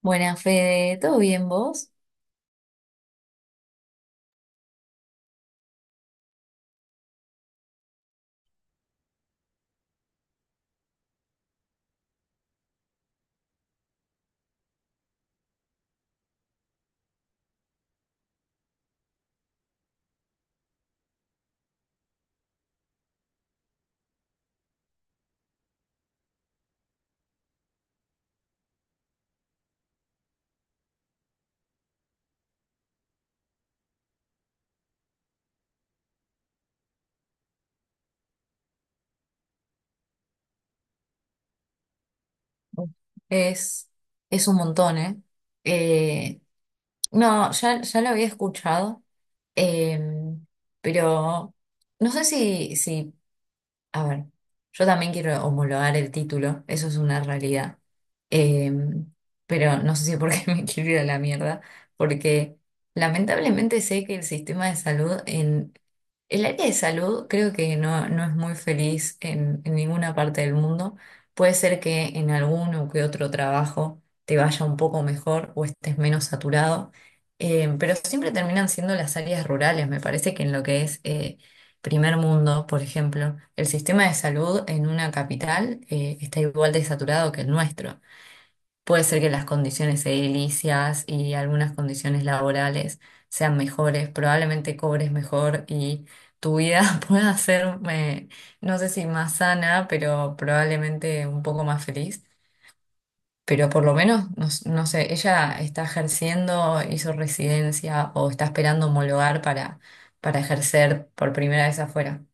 Buenas, Fede, ¿todo bien vos? Es, es un montón, ¿eh? Eh, no, ya lo había escuchado, eh, pero no sé si. A ver, yo también quiero homologar el título, eso es una realidad. Eh, pero no sé si por qué me quiero ir a la mierda, porque lamentablemente sé que el sistema de salud en el área de salud creo que no es muy feliz en ninguna parte del mundo. Puede ser que en alguno que otro trabajo te vaya un poco mejor o estés menos saturado, pero siempre terminan siendo las áreas rurales, me parece que en lo que es... primer mundo, por ejemplo, el sistema de salud en una capital está igual de saturado que el nuestro. Puede ser que las condiciones edilicias y algunas condiciones laborales sean mejores, probablemente cobres mejor y tu vida pueda ser, no sé si más sana, pero probablemente un poco más feliz. Pero por lo menos, no, no sé, ella está ejerciendo, hizo residencia o está esperando homologar para ejercer por primera vez afuera.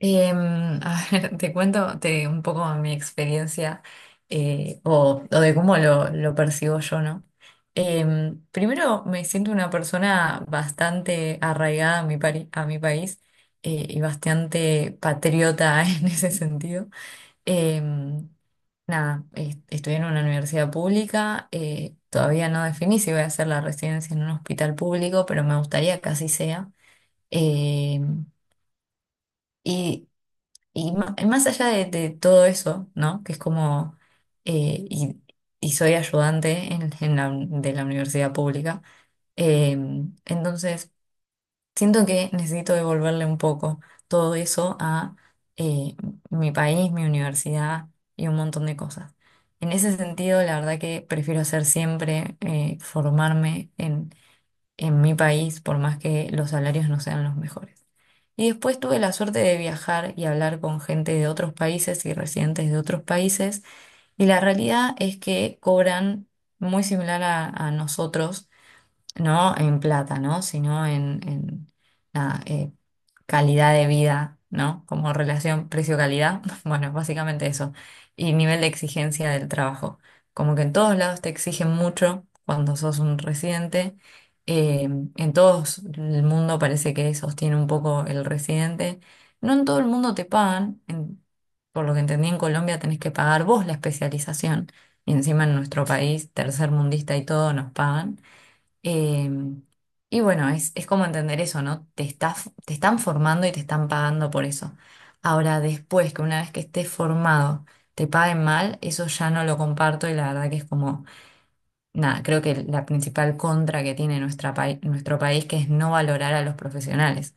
A ver, un poco mi experiencia, o de cómo lo percibo yo, ¿no? Primero, me siento una persona bastante arraigada a a mi país, y bastante patriota en ese sentido. Em, Nada, estudié en una universidad pública, todavía no definí si voy a hacer la residencia en un hospital público, pero me gustaría que así sea. Em, y Más allá de todo eso, ¿no? Que es como, eh, y, y soy ayudante en de la universidad pública, eh, entonces siento que necesito devolverle un poco todo eso a, eh, mi país, mi universidad y un montón de cosas. En ese sentido, la verdad que prefiero hacer siempre, formarme en mi país, por más que los salarios no sean los mejores. Y después tuve la suerte de viajar y hablar con gente de otros países y residentes de otros países. Y la realidad es que cobran muy similar a nosotros, no en plata, ¿no? Sino en, nada, calidad de vida, ¿no? Como relación precio-calidad, bueno, básicamente eso. Y nivel de exigencia del trabajo. Como que en todos lados te exigen mucho cuando sos un residente. eh, en todo el mundo parece que sostiene un poco el residente. No en todo el mundo te pagan. Por lo que entendí, en Colombia tenés que pagar vos la especialización. Y encima en nuestro país, tercermundista y todo, nos pagan. Eh, y bueno, es como entender eso, ¿no? Te están formando y te están pagando por eso. Ahora, después que una vez que estés formado te paguen mal, eso ya no lo comparto y la verdad que es como, nada, creo que la principal contra que tiene nuestro país que es no valorar a los profesionales.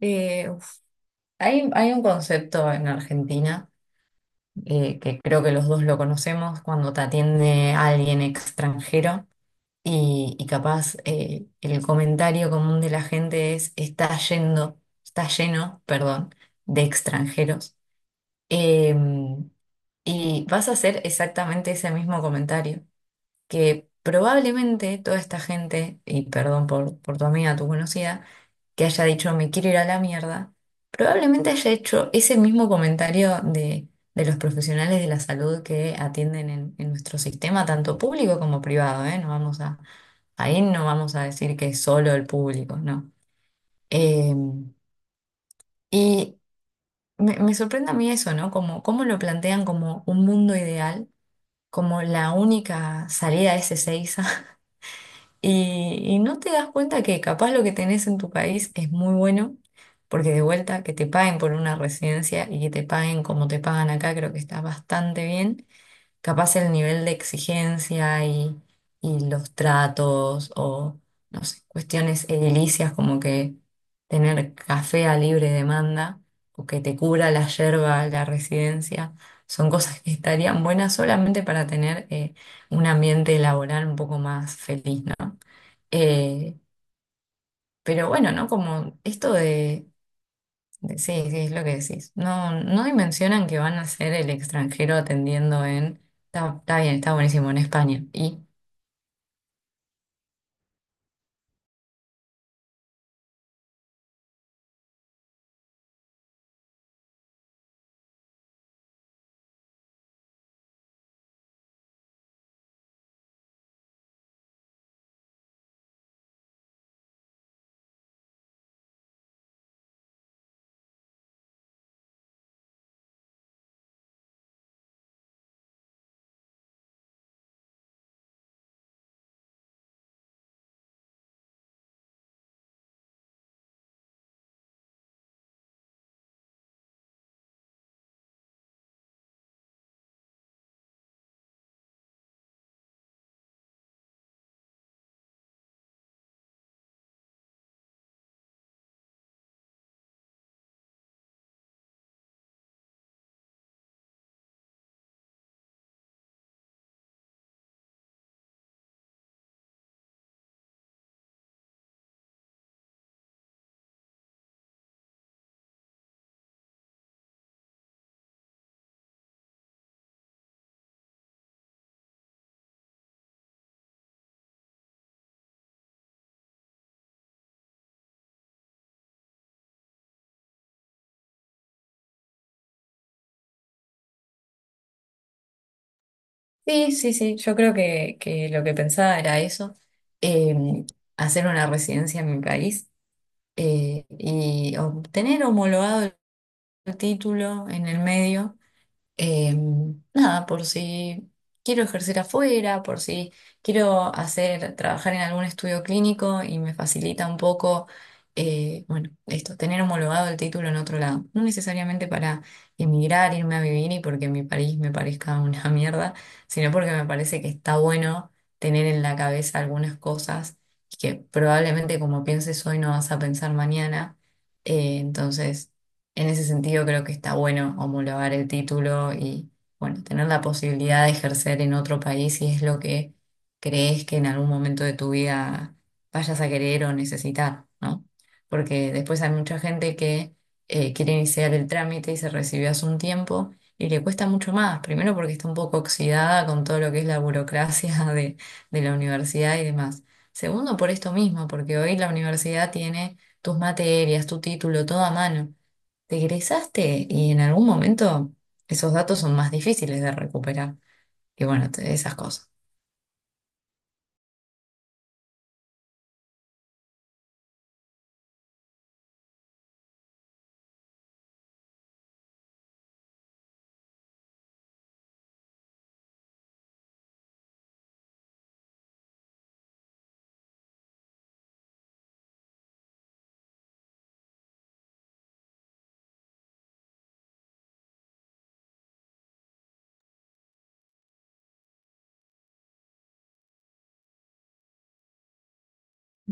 Uf, hay un concepto en Argentina, que creo que los dos lo conocemos cuando te atiende alguien extranjero. Y capaz, el comentario común de la gente es: está yendo, está lleno, perdón, de extranjeros. Eh, y vas a hacer exactamente ese mismo comentario que probablemente toda esta gente, y perdón por tu amiga, tu conocida, que haya dicho "me quiero ir a la mierda", probablemente haya hecho ese mismo comentario de los profesionales de la salud que atienden en nuestro sistema, tanto público como privado, ¿eh? Ahí no vamos a decir que es solo el público, ¿no? Eh, y Me sorprende a mí eso, ¿no? Como cómo lo plantean como un mundo ideal, como la única salida es esa. Y no te das cuenta que capaz lo que tenés en tu país es muy bueno, porque de vuelta que te paguen por una residencia y que te paguen como te pagan acá, creo que está bastante bien. Capaz el nivel de exigencia y los tratos o, no sé, cuestiones edilicias como que tener café a libre demanda o que te cubra la yerba la residencia, son cosas que estarían buenas solamente para tener, un ambiente laboral un poco más feliz, ¿no? Eh, pero bueno, ¿no? Como esto sí, sí, es lo que decís. No, no dimensionan que van a ser el extranjero atendiendo en, está, está bien, está buenísimo en España. Y sí, sí, sí, yo creo que lo que pensaba era eso, eh, hacer una residencia en mi país, y obtener homologado el título en el medio. Eh, Nada, por si quiero ejercer afuera, por si quiero hacer, trabajar en algún estudio clínico y me facilita un poco, bueno, esto, tener homologado el título en otro lado. No necesariamente para emigrar, irme a vivir y porque mi país me parezca una mierda, sino porque me parece que está bueno tener en la cabeza algunas cosas que probablemente como pienses hoy no vas a pensar mañana. Entonces, en ese sentido, creo que está bueno homologar el título y, bueno, tener la posibilidad de ejercer en otro país si es lo que crees que en algún momento de tu vida vayas a querer o necesitar, ¿no? Porque después hay mucha gente que, quiere iniciar el trámite y se recibió hace un tiempo y le cuesta mucho más. Primero porque está un poco oxidada con todo lo que es la burocracia de la universidad y demás. Segundo, por esto mismo, porque hoy la universidad tiene tus materias, tu título, todo a mano. Te egresaste y en algún momento esos datos son más difíciles de recuperar. Y bueno, esas cosas.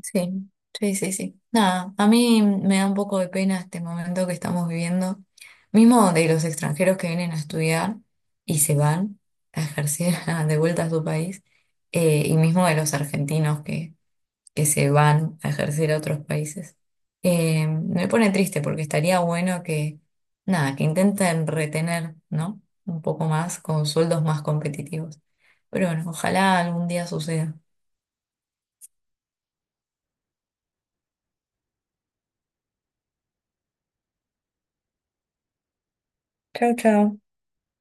Sí, sí, sí, sí. Nada, a mí me da un poco de pena este momento que estamos viviendo, mismo de los extranjeros que vienen a estudiar y se van a ejercer de vuelta a su país, y mismo de los argentinos que se van a ejercer a otros países. Me pone triste porque estaría bueno que, nada, que intenten retener, ¿no? Un poco más con sueldos más competitivos. Pero bueno, ojalá algún día suceda. Chao, chao.